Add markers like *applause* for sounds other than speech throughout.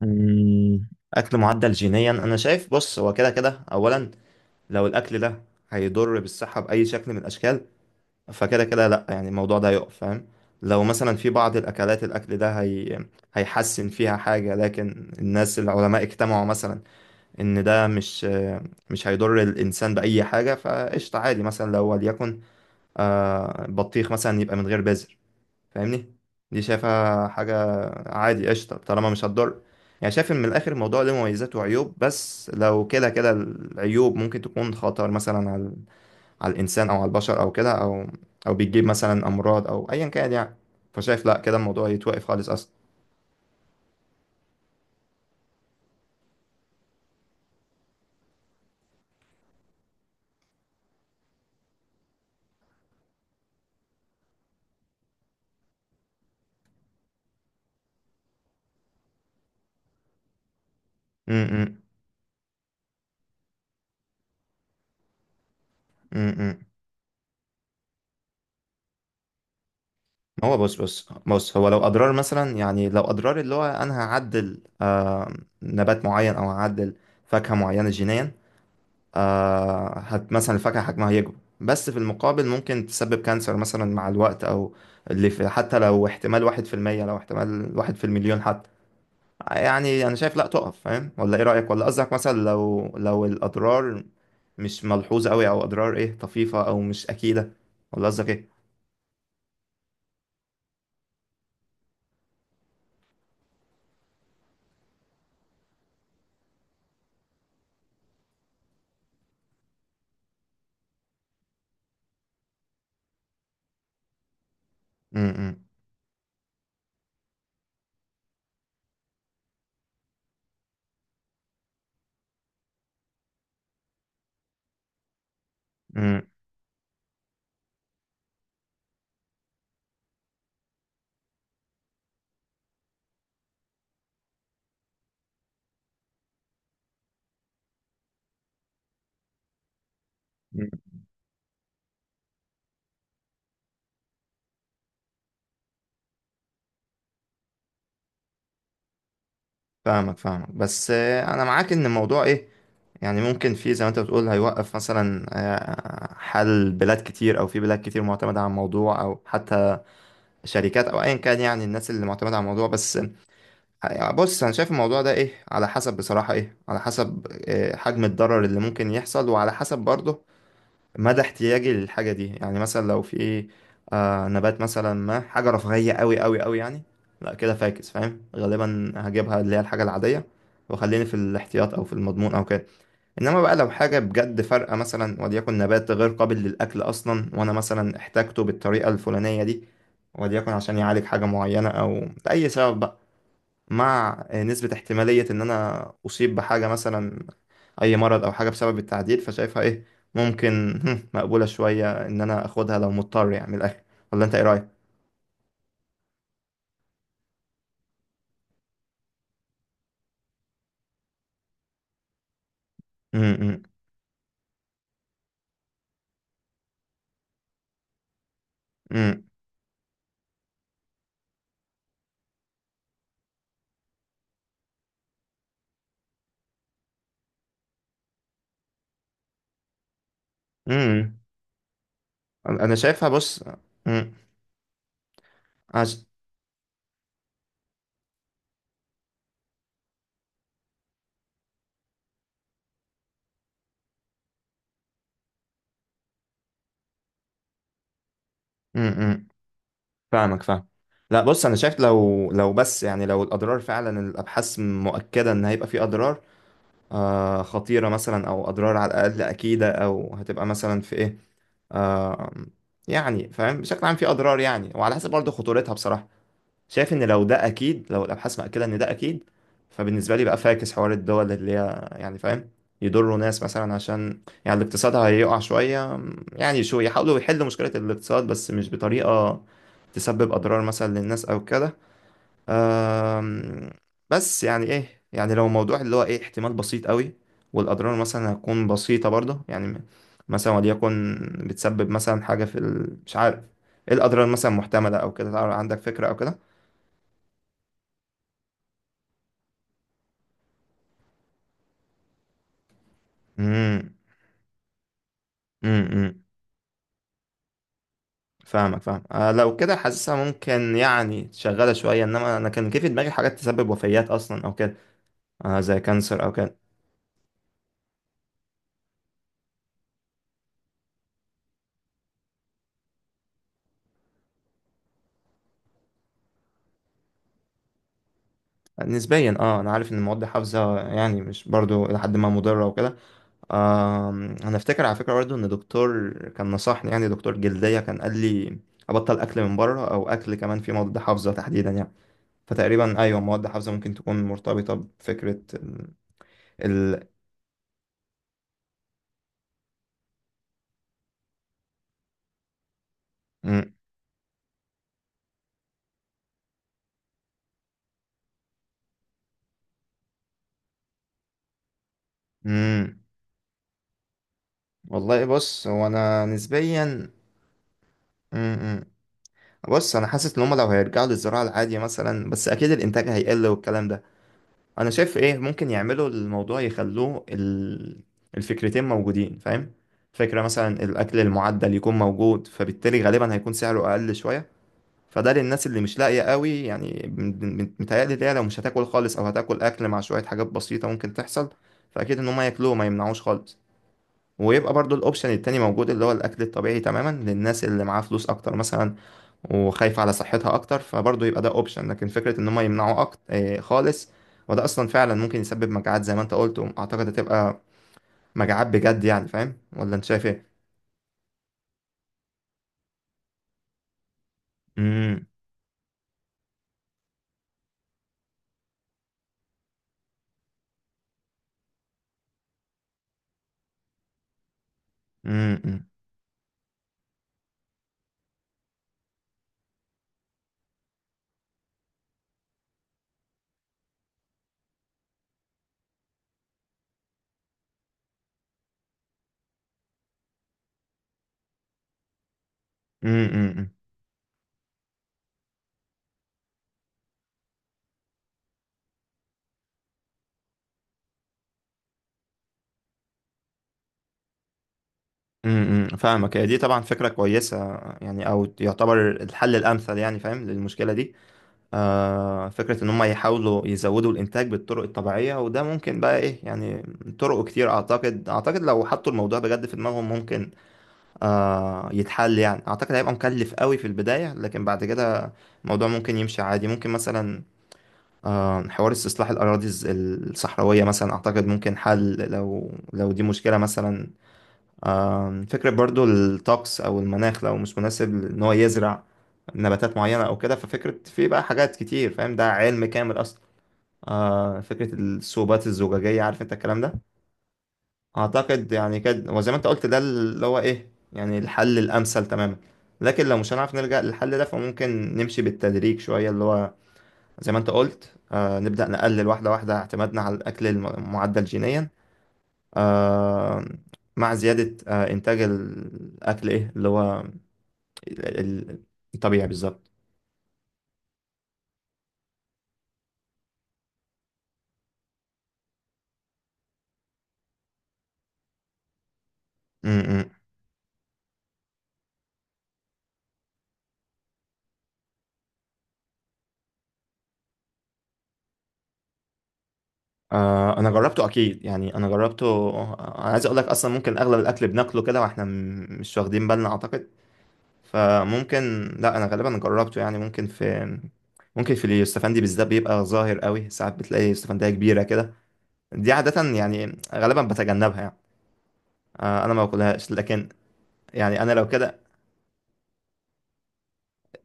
مم. اكل معدل جينيا انا شايف، بص، هو كده كده اولا لو الاكل ده هيضر بالصحه باي شكل من الاشكال فكده كده لا، يعني الموضوع ده يقف فاهم. لو مثلا في بعض الاكلات الاكل ده هيحسن فيها حاجه لكن الناس العلماء اجتمعوا مثلا ان ده مش هيضر الانسان باي حاجه فقشطه عادي. مثلا لو وليكن بطيخ مثلا يبقى من غير بذر، فاهمني، دي شايفها حاجة عادي قشطة طالما مش هتضر. يعني شايف ان من الاخر الموضوع له مميزات وعيوب، بس لو كده كده العيوب ممكن تكون خطر مثلا على الانسان او على البشر او كده، او بتجيب مثلا امراض او ايا كان يعني. فشايف لا، كده الموضوع يتوقف خالص اصلا. امم. امم. ما هو بص بص بص، هو لو اضرار مثلا، يعني لو اضرار اللي هو انا هعدل نبات معين او هعدل فاكهة معينة جينيا، آه هت مثلا الفاكهة حجمها يكبر، بس في المقابل ممكن تسبب كانسر مثلا مع الوقت، أو اللي في، حتى لو احتمال واحد في المية، لو احتمال واحد في المليون حتى، يعني أنا شايف لأ تقف، فاهم؟ ولا إيه رأيك؟ ولا قصدك مثلا لو الأضرار مش ملحوظة أوي أو أضرار إيه طفيفة أو مش أكيدة؟ ولا قصدك إيه؟ م- م- م- م. فاهمك فاهمك، بس أنا معاك إن الموضوع إيه، يعني ممكن في زي ما انت بتقول هيوقف مثلا حل بلاد كتير، او في بلاد كتير معتمدة على الموضوع او حتى شركات او ايا كان، يعني الناس اللي معتمدة على الموضوع. بس بص، انا شايف الموضوع ده ايه، على حسب بصراحة، ايه، على حسب حجم الضرر اللي ممكن يحصل، وعلى حسب برضه مدى احتياجي للحاجة دي. يعني مثلا لو في نبات مثلا، ما حاجة رفاهية قوي قوي قوي يعني، لا كده فاكس، فاهم، غالبا هجيبها اللي هي الحاجة العادية وخليني في الاحتياط او في المضمون او كده. انما بقى لو حاجه بجد فارقه، مثلا وليكن نبات غير قابل للاكل اصلا، وانا مثلا احتاجته بالطريقه الفلانيه دي، وليكن عشان يعالج حاجه معينه او لاي سبب بقى، مع نسبه احتماليه ان انا اصيب بحاجه، مثلا اي مرض او حاجه بسبب التعديل، فشايفها ايه، ممكن *laughs* مقبوله شويه ان انا اخدها لو مضطر يعني من الاخر. ولا انت ايه رايك؟ م- م- م- م- انا شايفها، بص. م- عش... فاهمك فاهم لا بص، انا شايف لو بس، يعني لو الاضرار فعلا الابحاث مؤكده ان هيبقى في اضرار خطيره مثلا، او اضرار على الاقل اكيده، او هتبقى مثلا في ايه، آه يعني، فاهم، بشكل عام في اضرار يعني، وعلى حسب برضه خطورتها بصراحه. شايف ان لو ده اكيد، لو الابحاث مأكده ان ده اكيد، فبالنسبه لي بقى فاكس حوار الدول اللي هي يعني، فاهم، يضروا ناس مثلا عشان يعني الاقتصاد هيقع شويه. يعني شو، يحاولوا يحلوا مشكله الاقتصاد بس مش بطريقه تسبب اضرار مثلا للناس او كده. أم، بس يعني ايه، يعني لو موضوع اللي هو ايه، احتمال بسيط قوي والاضرار مثلا هتكون بسيطه برضه، يعني مثلا وليكن بتسبب مثلا حاجه مش عارف، ايه الاضرار مثلا محتمله او كده، عندك فكره او كده؟ امم. امم. امم. فاهمك فاهم لو كده حاسسها ممكن يعني شغاله شويه، انما انا كان كيف في دماغي حاجات تسبب وفيات اصلا او كده، زي كانسر او كده. نسبيا انا عارف ان المواد الحافظه يعني مش برضو لحد ما مضره وكده. آه انا افتكر على فكره برضو ان دكتور كان نصحني، يعني دكتور جلديه كان قال لي ابطل اكل من بره او اكل كمان في مواد حافظه تحديدا يعني. فتقريبا ايوه، مواد حافظه ممكن تكون مرتبطه بفكره ال- مم. والله بص، هو انا نسبيا م-م. بص انا حاسس ان هم لو هيرجعوا للزراعه العاديه مثلا، بس اكيد الانتاج هيقل والكلام ده. انا شايف ايه ممكن يعملوا الموضوع يخلوه الفكرتين موجودين، فاهم، فكره مثلا الاكل المعدل يكون موجود، فبالتالي غالبا هيكون سعره اقل شويه، فده للناس اللي مش لاقيه قوي. يعني متهيألي ده لو مش هتاكل خالص او هتاكل اكل مع شويه حاجات بسيطه ممكن تحصل، فاكيد ان هم ياكلوه، ما يمنعوش خالص، ويبقى برضو الاوبشن التاني موجود اللي هو الاكل الطبيعي تماما للناس اللي معاها فلوس اكتر مثلا وخايفة على صحتها اكتر، فبرضو يبقى ده اوبشن. لكن فكرة ان هم يمنعوا اكتر خالص، وده اصلا فعلا ممكن يسبب مجاعات زي ما انت قلت، واعتقد هتبقى مجاعات بجد يعني، فاهم؟ ولا انت شايف ايه؟ امم امم امم فاهمك، هي دي طبعا فكرة كويسة، يعني او يعتبر الحل الامثل يعني، فاهم، للمشكلة دي. فكرة إن هم يحاولوا يزودوا الإنتاج بالطرق الطبيعية، وده ممكن بقى إيه يعني، طرق كتير أعتقد لو حطوا الموضوع بجد في دماغهم ممكن يتحل يعني. أعتقد هيبقى مكلف قوي في البداية، لكن بعد كده الموضوع ممكن يمشي عادي. ممكن مثلا حوار استصلاح الأراضي الصحراوية مثلا، أعتقد ممكن حل لو دي مشكلة مثلا. فكرة برضو الطقس أو المناخ لو مش مناسب إن هو يزرع نباتات معينة أو كده، ففكرة في بقى حاجات كتير، فاهم، ده علم كامل أصلا. فكرة الصوبات الزجاجية، عارف أنت الكلام ده؟ أعتقد يعني كده، وزي ما أنت قلت، ده اللي هو إيه يعني الحل الأمثل تماما. لكن لو مش هنعرف نلجأ للحل ده فممكن نمشي بالتدريج شوية، اللي هو زي ما أنت قلت نبدأ نقلل واحدة واحدة اعتمادنا على الأكل معدل جينيا، آه، مع زيادة إنتاج الأكل إيه اللي هو ال- ال- الطبيعي بالظبط. م- م. آه، أنا جربته أكيد، يعني أنا جربته. أنا عايز أقول لك أصلا ممكن أغلب الأكل بناكله كده وإحنا مش واخدين بالنا أعتقد. فممكن، لا أنا غالبا جربته يعني، ممكن في اليوسفندي بالذات بيبقى ظاهر قوي، ساعات بتلاقي يوسفندية كبيرة كده، دي عادة يعني غالبا بتجنبها يعني. أنا ما باكلهاش، لكن يعني أنا لو كده،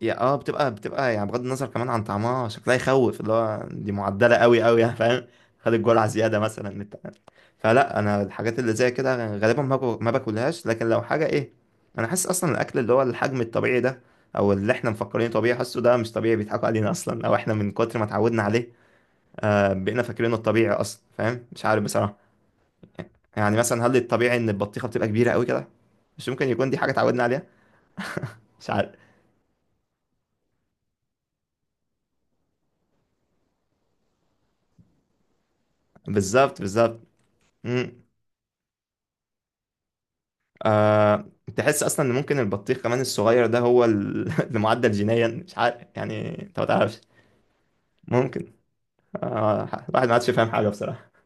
يا اه بتبقى يعني، بغض النظر كمان عن طعمها، شكلها يخوف، اللي هو دي معدلة قوي قوي يعني، فاهم، خد الجرعة زيادة مثلا بتاع. فلا انا الحاجات اللي زي كده غالبا ما باكلهاش. لكن لو حاجة ايه، انا حاسس اصلا الاكل اللي هو الحجم الطبيعي ده او اللي احنا مفكرينه طبيعي، حاسه ده مش طبيعي، بيضحكوا علينا اصلا، او احنا من كتر ما اتعودنا عليه بقينا فاكرينه الطبيعي اصلا، فاهم، مش عارف بصراحة. يعني مثلا هل الطبيعي ان البطيخة بتبقى كبيرة قوي كده؟ مش ممكن يكون دي حاجة اتعودنا عليها؟ مش عارف. بالظبط بالظبط. مم. أه تحس اصلا ان ممكن البطيخ كمان الصغير ده هو *laughs* اللي معدل جينيا، مش عارف يعني، انت ما تعرفش. ممكن. الواحد ما عادش فاهم حاجه بصراحه.